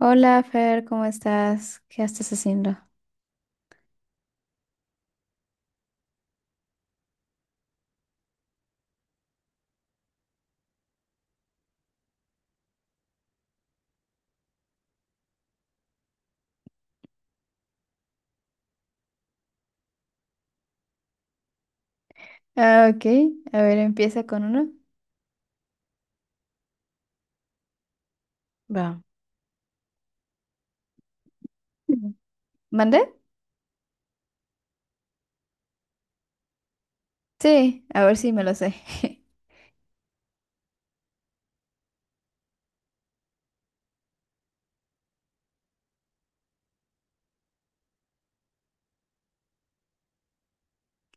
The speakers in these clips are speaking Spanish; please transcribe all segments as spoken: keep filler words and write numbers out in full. Hola, Fer, ¿cómo estás? ¿Qué estás haciendo? Ah, ok. A ver, empieza con uno. Va. Mm. ¿Mandé? Sí, a ver si me lo sé.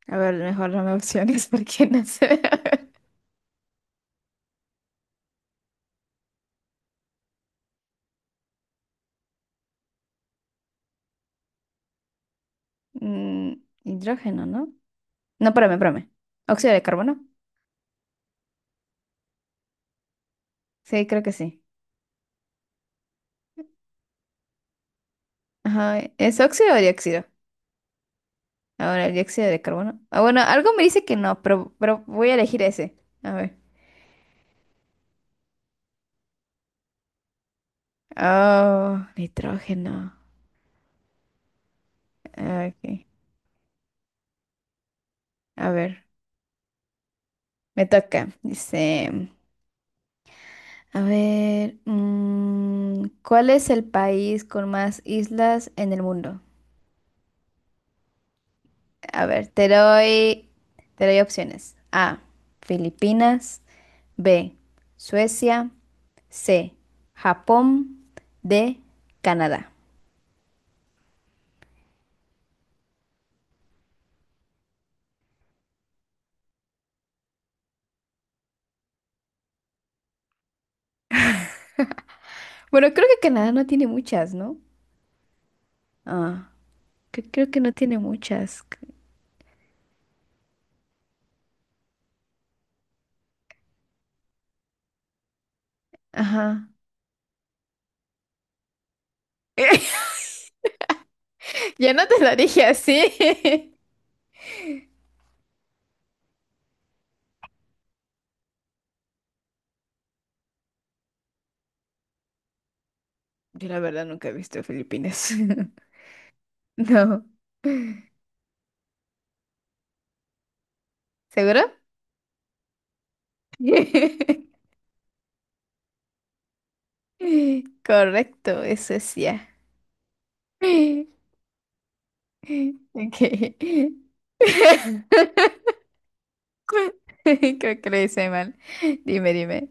A ver, mejor no me opciones porque no sé. Mm, Hidrógeno, ¿no? No, espérame, espérame. ¿Óxido de carbono? Sí, creo que sí. Ajá, ¿es óxido o dióxido? Ahora, el dióxido de carbono. Ah, bueno, algo me dice que no, pero, pero voy a elegir ese. A ver. Oh, nitrógeno. Ah, ok. A ver. Me toca. Dice, a ver, mm, ¿cuál es el país con más islas en el mundo? A ver, te doy, te doy opciones. A, Filipinas, B, Suecia, C, Japón, D, Canadá. Bueno, creo que Canadá no tiene muchas, ¿no? Ah, cre- creo que no tiene muchas. Ajá. Ya no te lo dije así. Yo la verdad nunca he visto Filipinas. No. ¿Seguro? Correcto, eso es ya. Ok. Creo que lo hice mal. Dime, dime.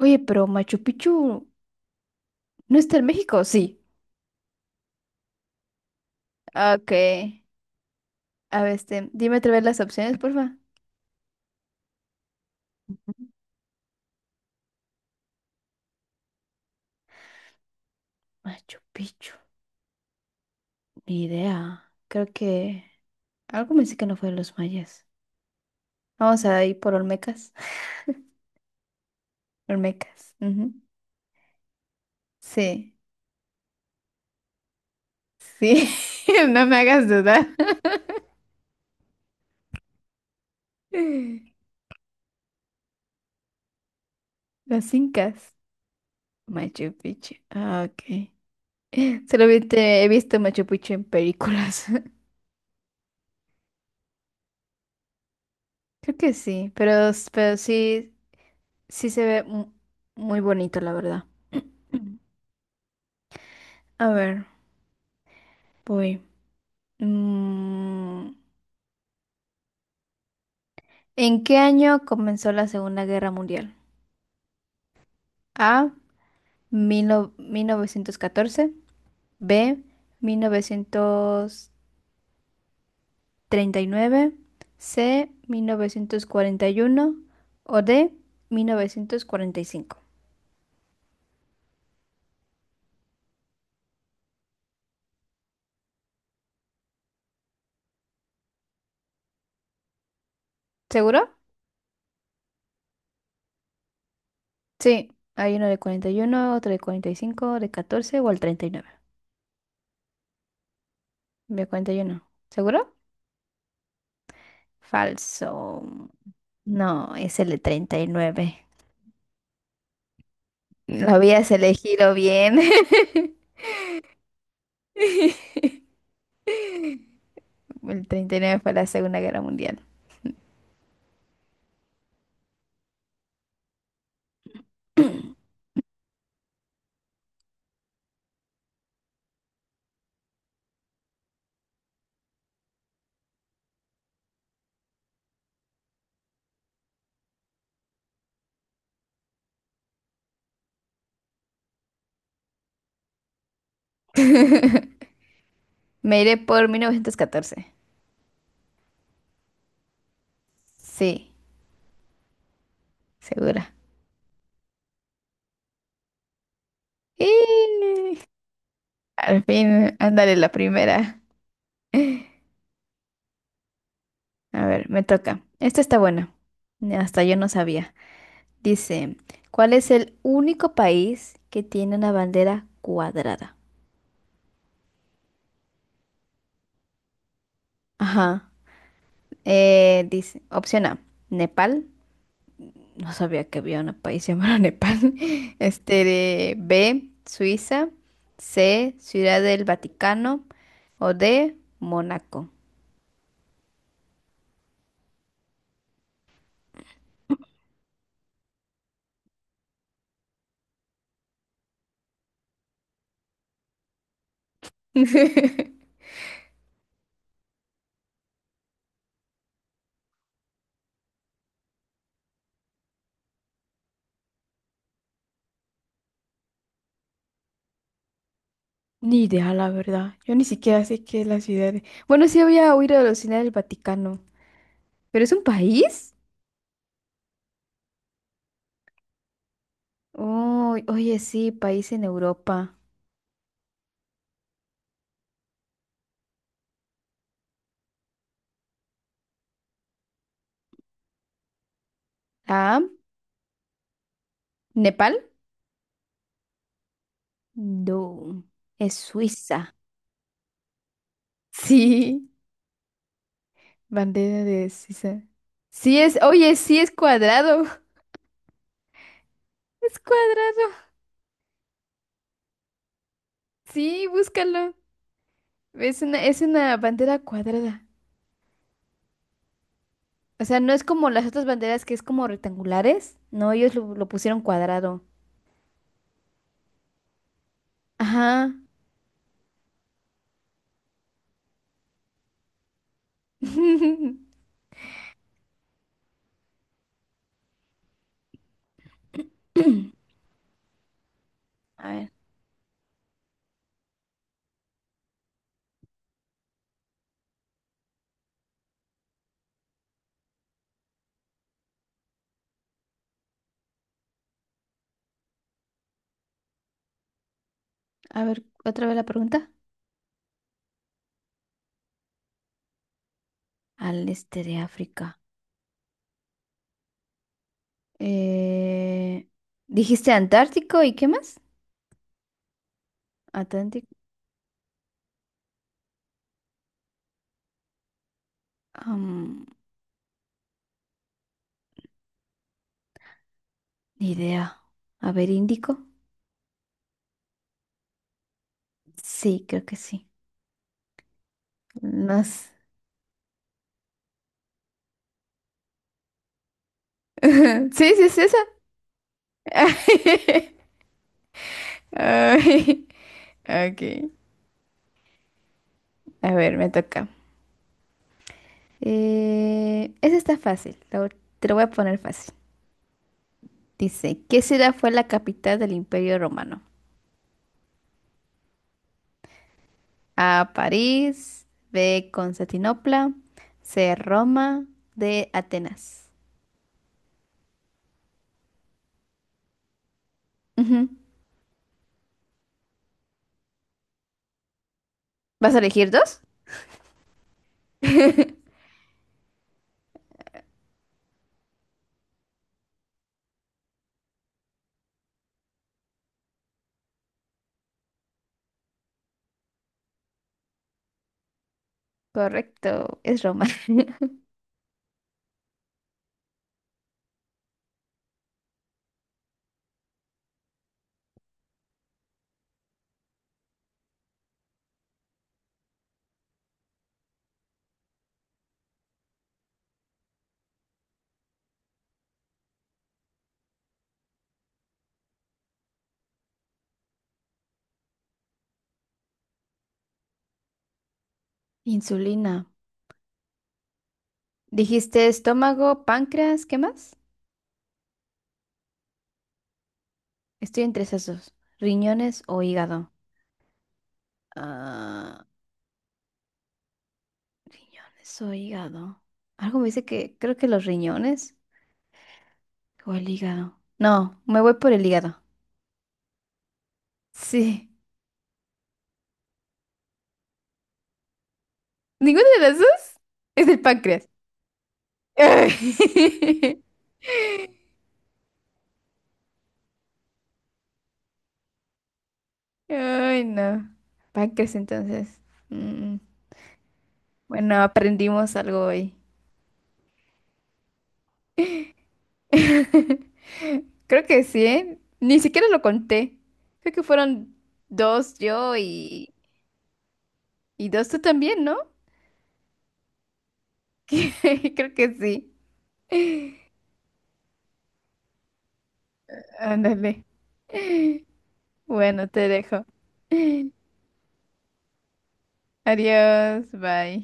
Oye, pero Machu Picchu no está en México, sí. Ok. A ver, este, dime otra vez las opciones, porfa. Machu Picchu, ni idea. Creo que algo me dice que no fue de los mayas. Vamos a ir por Olmecas. Olmecas. Ujú. Sí. Sí, no me hagas dudar. Los incas, Machu Picchu. Ah, ok. Solo vi- te- he visto Machu Picchu en películas. Creo que sí, pero, s- pero sí, sí se ve mu- muy bonito, la verdad. A ver, voy. Mm, ¿En qué año comenzó la Segunda Guerra Mundial? A. mil no- mil novecientos catorce. B. Mil novecientos treinta y nueve. C, mil novecientos cuarenta y uno, o D, mil novecientos cuarenta y cinco. ¿Seguro? Sí, hay uno de cuarenta y uno, otro de cuarenta y cinco, de catorce o el treinta y nueve. ¿De cuarenta y uno? ¿Seguro? Falso. No, es el de treinta y nueve. Lo habías elegido bien. El treinta y nueve fue la Segunda Guerra Mundial. Me iré por mil novecientos catorce. Sí, segura. ¡Eh! Al fin, ándale la primera. A ver, me toca. Esta está buena. Hasta yo no sabía. Dice, ¿cuál es el único país que tiene una bandera cuadrada? Ajá. Eh, dice, opción A, Nepal. No sabía que había un país llamado Nepal. Este, de- B, Suiza. C, Ciudad del Vaticano. O D, Mónaco. Ni idea, la verdad. Yo ni siquiera sé qué es la ciudad de- Bueno, sí había oído de la Ciudad del Vaticano. ¿Pero es un país? Oh, oye, sí, país en Europa. Ah, ¿Nepal? No, es Suiza. Sí, bandera de Suiza. Sí es, oye, sí es cuadrado. Es cuadrado. Sí, búscalo. Es una, es una bandera cuadrada. O sea, no es como las otras banderas que es como rectangulares. No, ellos lo, lo pusieron cuadrado. Ajá. A ver, a ver, otra vez la pregunta. Al este de África. Eh, ¿Dijiste Antártico y qué más? Atlántico. Am, Ni idea. A ver, Índico. Sí, creo que sí. No sé. Sí, sí, es esa. Ay, ok. A ver, me toca. Eh, esa está fácil. la ul- te lo voy a poner fácil. Dice, ¿qué ciudad fue la capital del Imperio Romano? A, París, B, Constantinopla, C, Roma, D, Atenas. Ujú. ¿Vas a elegir dos? Correcto, es Roma. Insulina. Dijiste estómago, páncreas, ¿qué más? Estoy entre esos dos. Riñones o hígado. Ah, riñones o hígado. Algo me dice que creo que los riñones o el hígado. No, me voy por el hígado. Sí. ¿Ninguna de las dos? Es el páncreas. Ay, no. Pancres, entonces. Mm. Bueno, aprendimos algo hoy. Creo que sí, ¿eh? Ni siquiera lo conté. Creo que fueron dos yo y, y dos tú también, ¿no? Creo que sí. Ándale. Bueno, te dejo. Adiós, bye.